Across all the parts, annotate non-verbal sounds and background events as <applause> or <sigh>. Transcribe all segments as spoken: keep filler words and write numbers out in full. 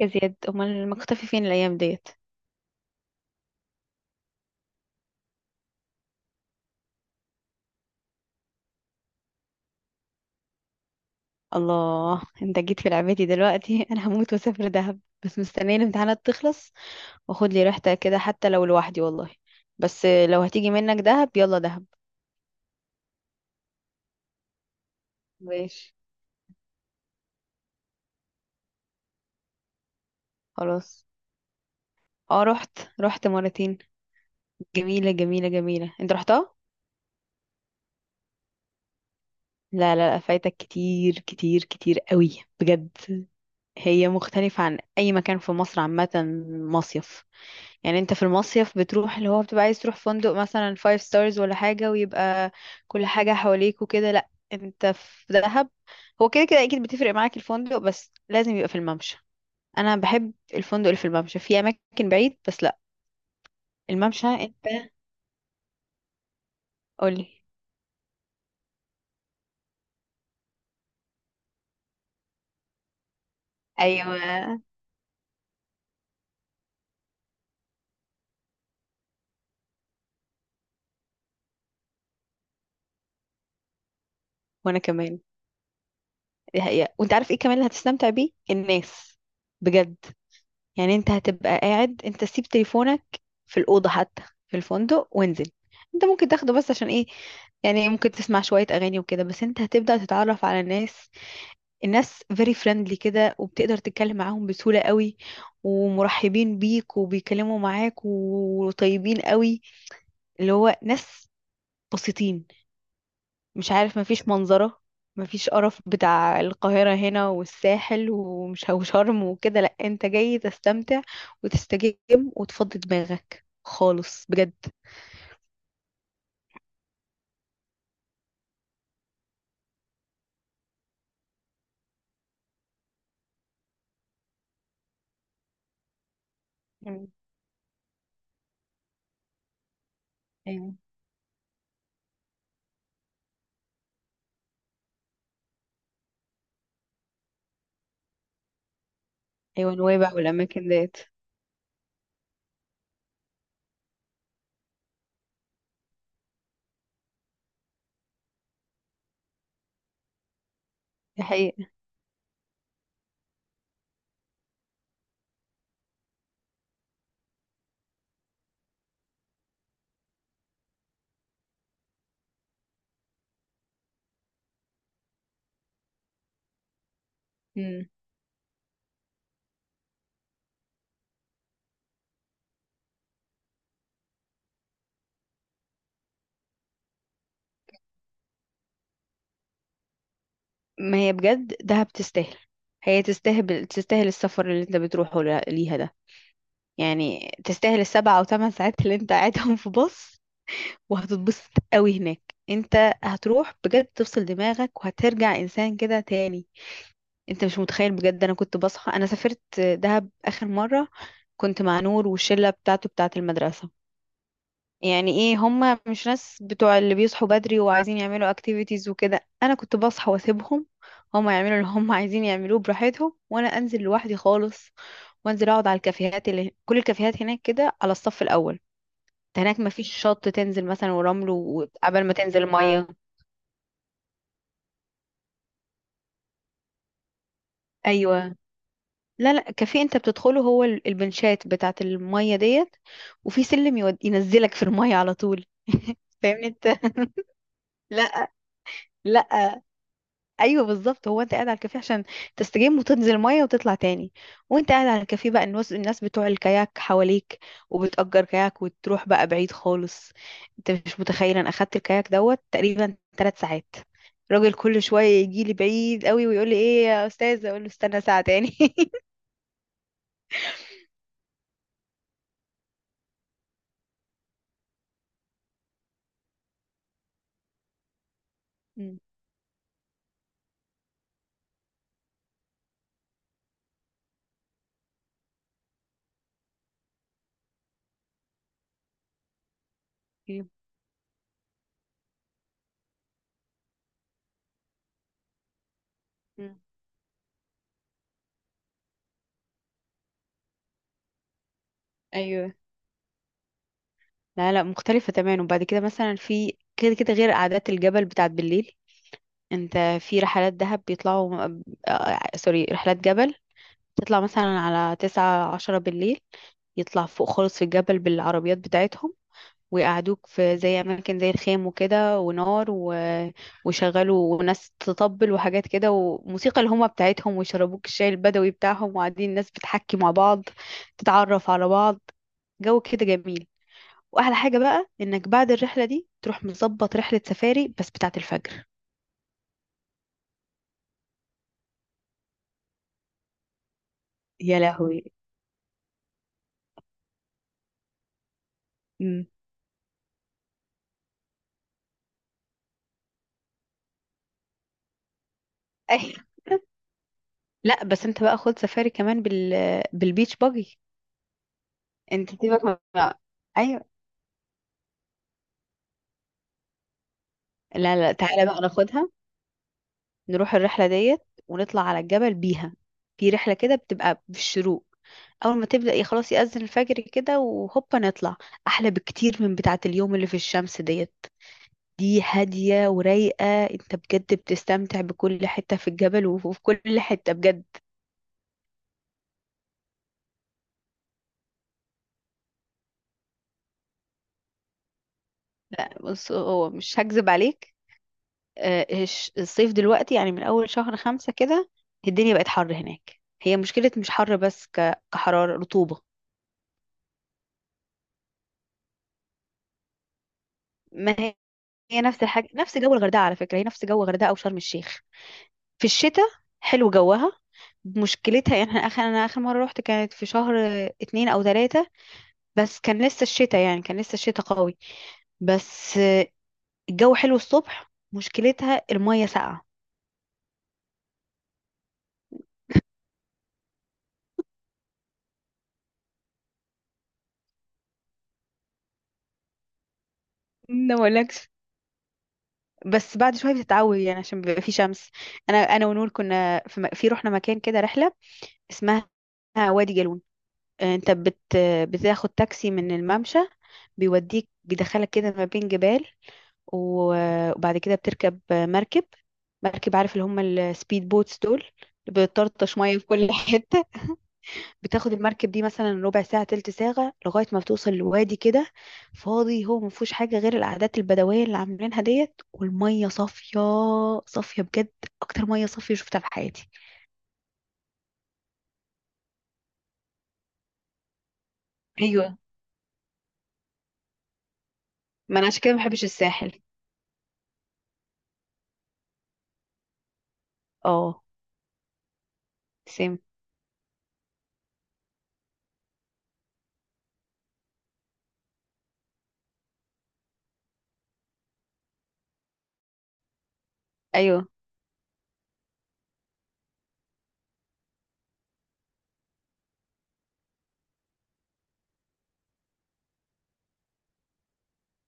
يا زياد، امال مختفي فين الايام ديت؟ الله، انت جيت في لعبتي دلوقتي. <laughs> انا هموت واسافر دهب، بس مستنيه الامتحانات تخلص. واخد لي ريحتها كده حتى لو لوحدي والله. بس لو هتيجي منك دهب يلا دهب. ماشي. خلاص. اه، رحت رحت مرتين. جميله جميله جميله، انت رحتها؟ لا لا لا، فايتك كتير كتير كتير قوي بجد. هي مختلفه عن اي مكان في مصر عامه. مصيف. يعني انت في المصيف بتروح اللي هو بتبقى عايز تروح فندق مثلا فايف ستارز ولا حاجة، ويبقى كل حاجة حواليك وكده. لا، انت في دهب هو كده كده اكيد بتفرق معاك الفندق، بس لازم يبقى في الممشى. انا بحب الفندق اللي في الممشى، في اماكن بعيد بس لا. الممشى انت. قولي. ايوه. وانا كمان. دي حقيقة. وانت عارف ايه كمان اللي هتستمتع بيه الناس؟ بجد، يعني انت هتبقى قاعد، انت سيب تليفونك في الأوضة حتى، في الفندق وانزل. انت ممكن تاخده بس عشان ايه؟ يعني ممكن تسمع شوية أغاني وكده، بس انت هتبدأ تتعرف على الناس. الناس very friendly كده، وبتقدر تتكلم معاهم بسهولة قوي، ومرحبين بيك وبيكلموا معاك وطيبين قوي. اللي هو ناس بسيطين، مش عارف، مفيش منظرة، مفيش قرف بتاع القاهرة هنا والساحل ومش وشرم وكده. لأ، انت جاي تستمتع وتستجم وتفضي دماغك خالص بجد. مم. ايوه. ايوه، نويبع والاماكن ديت. دي حقيقة. مم. ما هي بجد دهب تستاهل. هي تستاهل، تستاهل السفر اللي انت بتروحه ل- ليها ده. يعني تستاهل السبع او ثمان ساعات اللي انت قاعدهم في باص، وهتتبسط قوي هناك. انت هتروح بجد تفصل دماغك، وهترجع انسان كده تاني. انت مش متخيل بجد، انا كنت بصحى، انا سافرت دهب اخر مرة كنت مع نور والشلة بتاعته بتاعة المدرسة. يعني ايه، هما مش ناس بتوع اللي بيصحوا بدري وعايزين يعملوا اكتيفيتيز وكده. انا كنت بصحى واسيبهم هما يعملوا اللي هما عايزين يعملوه براحتهم، وانا انزل لوحدي خالص. وانزل اقعد على الكافيهات، اللي كل الكافيهات هناك كده على الصف الاول. انت هناك مفيش شط تنزل مثلا ورمل وقبل ما تنزل مية. ايوه. لا لا، كافيه انت بتدخله هو ال- البنشات بتاعت المية ديت، وفي سلم يود... ينزلك في المية على طول. فاهمني انت. <laughs> لا. لا. ايوه بالظبط، هو انت قاعد على الكافيه عشان تستجم وتنزل ميه وتطلع تاني. وانت قاعد على الكافيه بقى، الناس الناس بتوع الكاياك حواليك، وبتأجر كاياك وتروح بقى بعيد خالص. انت مش متخيل، انا اخدت الكاياك دوت تقريبا ثلاث ساعات. الراجل كل شويه يجي لي بعيد قوي ويقول لي ايه يا استاذه، اقول له استنى ساعه تاني. <laughs> مم. مم. ايوه. لا لا، مختلفة تماما. وبعد كده مثلا في، كده كده، غير قعدات الجبل بتاعت بالليل. انت في رحلات دهب بيطلعوا آه، آه، سوري، رحلات جبل. تطلع مثلا على تسعة عشرة بالليل، يطلع فوق خالص في الجبل بالعربيات بتاعتهم، ويقعدوك في زي أماكن زي الخيم وكده ونار و... ويشغلوا وناس تطبل وحاجات كده وموسيقى الهومة بتاعتهم، ويشربوك الشاي البدوي بتاعهم، وقاعدين الناس بتحكي مع بعض، تتعرف على بعض. جو كده جميل. واحلى حاجه بقى انك بعد الرحله دي تروح مظبط رحله سفاري بس بتاعه الفجر. يا لهوي. امم. أيوة. لا بس انت بقى خد سفاري كمان بال، بالبيتش باجي. انت سيبك من بقى. ايوه. لا لا، تعالى بقى ناخدها، نروح الرحله ديت ونطلع على الجبل بيها. في رحله كده بتبقى في الشروق، اول ما تبدا ي- خلاص، يأذن الفجر كده وهوبا نطلع. احلى بكتير من بتاعه اليوم اللي في الشمس ديت. دي هادية ورايقة، انت بجد بتستمتع بكل حتة في الجبل، وفي كل حتة بجد. بص، هو مش هكذب عليك، آه، الش- الصيف دلوقتي، يعني من أول شهر خمسة كده، الدنيا بقت حر هناك. هي مشكلة مش حر بس، ك- كحرارة رطوبة. ما هي هي نفس الحاجة، نفس جو الغردقة على فكرة، هي نفس جو الغردقة أو شرم الشيخ. في الشتاء حلو جوها. مشكلتها يعني احنا اخر، انا اخر مره روحت كانت في شهر اتنين او تلاتة، بس كان لسه الشتاء، يعني كان لسه الشتاء قوي، بس الجو حلو الصبح. مشكلتها المية ساقعة. ما اقولكش. بس بعد شوية بتتعود، يعني عشان بيبقى في شمس. أنا أنا ونور كنا في, م... في رحنا مكان كده، رحلة اسمها وادي جالون. آه، أنت بت... بتاخد تاكسي من الممشى، بيوديك بيدخلك كده ما بين جبال، و- وبعد كده بتركب مركب. مركب عارف اللي هم السبيد بوتس دول، اللي بتطرطش مية في كل <laughs> حتة. بتاخد المركب دي مثلا ربع ساعة تلت ساعة لغاية ما بتوصل لوادي كده فاضي، هو ما فيهوش حاجة غير العادات البدوية اللي عاملينها ديت والمية صافية. صافية بجد، أكتر مية صافية شفتها في حياتي. ايوه. ما انا عشان كده ما بحبش الساحل. اه. سيم. ايوه،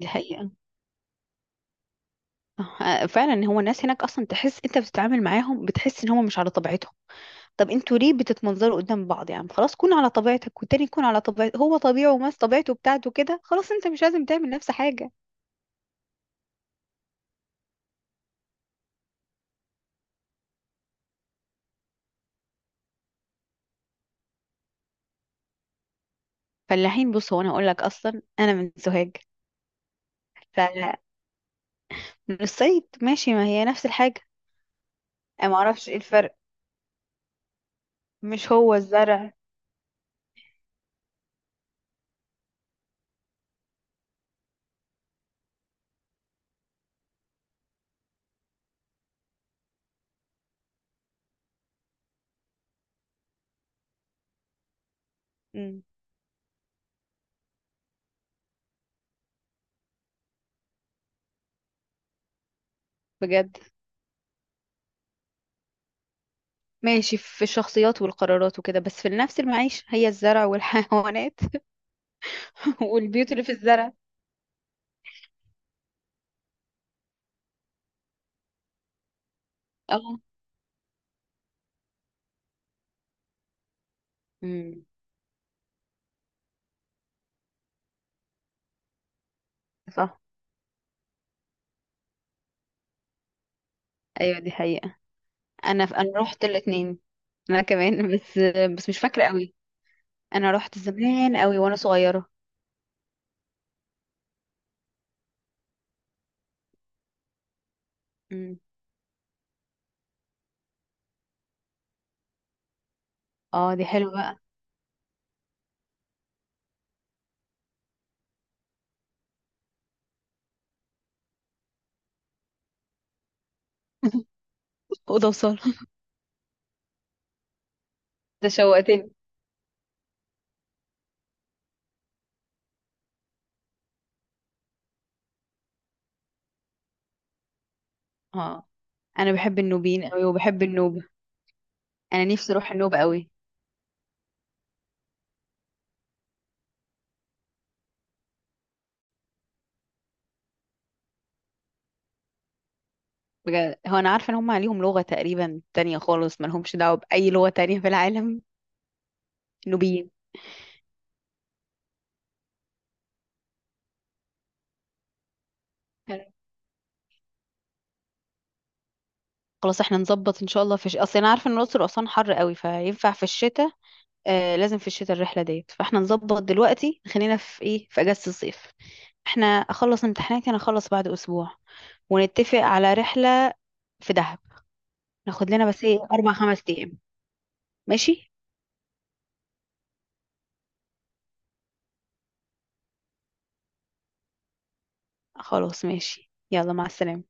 دي حقيقة. آه، فعلا، هو الناس هناك اصلا تحس انت بتتعامل معاهم بتحس ان هم مش على طبيعتهم. طب انتوا ليه بتتمنظروا قدام بعض؟ يعني خلاص كون على طبيعتك والتاني يكون على طبيعته هو، طبيعه وماس طبيعته بتاعته كده، خلاص انت مش لازم تعمل نفس حاجة. فلاحين، بص هو انا هقول لك، اصلا انا من سوهاج، فمن الصعيد ماشي، ما هي نفس الحاجه. انا ما اعرفش ايه الفرق، مش هو الزرع؟ مم. بجد؟ ماشي، في الشخصيات والقرارات وكده، بس في نفس المعيشه هي الزرع والحيوانات، <laughs> والبيوت اللي في الزرع. اه. امم. صح. ايوه دي حقيقه. انا انا رحت الاثنين. انا كمان، بس بس مش فاكره قوي، انا رحت زمان قوي وانا صغيره. امم. اه، دي حلوه بقى. <laughs> اوضه وصاله. ده شوقتني. اه، انا بحب النوبيين قوي وبحب النوبة. انا نفسي اروح النوبة قوي. بجد، هو انا عارفة ان هم عليهم لغة تقريبا تانية خالص، ما لهمش دعوة بأي لغة تانية في العالم، النوبيين. حلو. خلاص احنا نظبط ان شاء الله في ش... اصل انا عارفة ان الاقصر واسوان حر قوي، فينفع في الشتاء. آه، لازم في الشتاء الرحلة ديت. فاحنا نظبط دلوقتي، خلينا في ايه، في اجازة الصيف. احنا اخلص امتحاناتي، انا اخلص بعد اسبوع ونتفق على رحلة في دهب. ناخد لنا بس ايه اربع خمس ايام. ماشي. خلاص ماشي، يلا مع السلامة.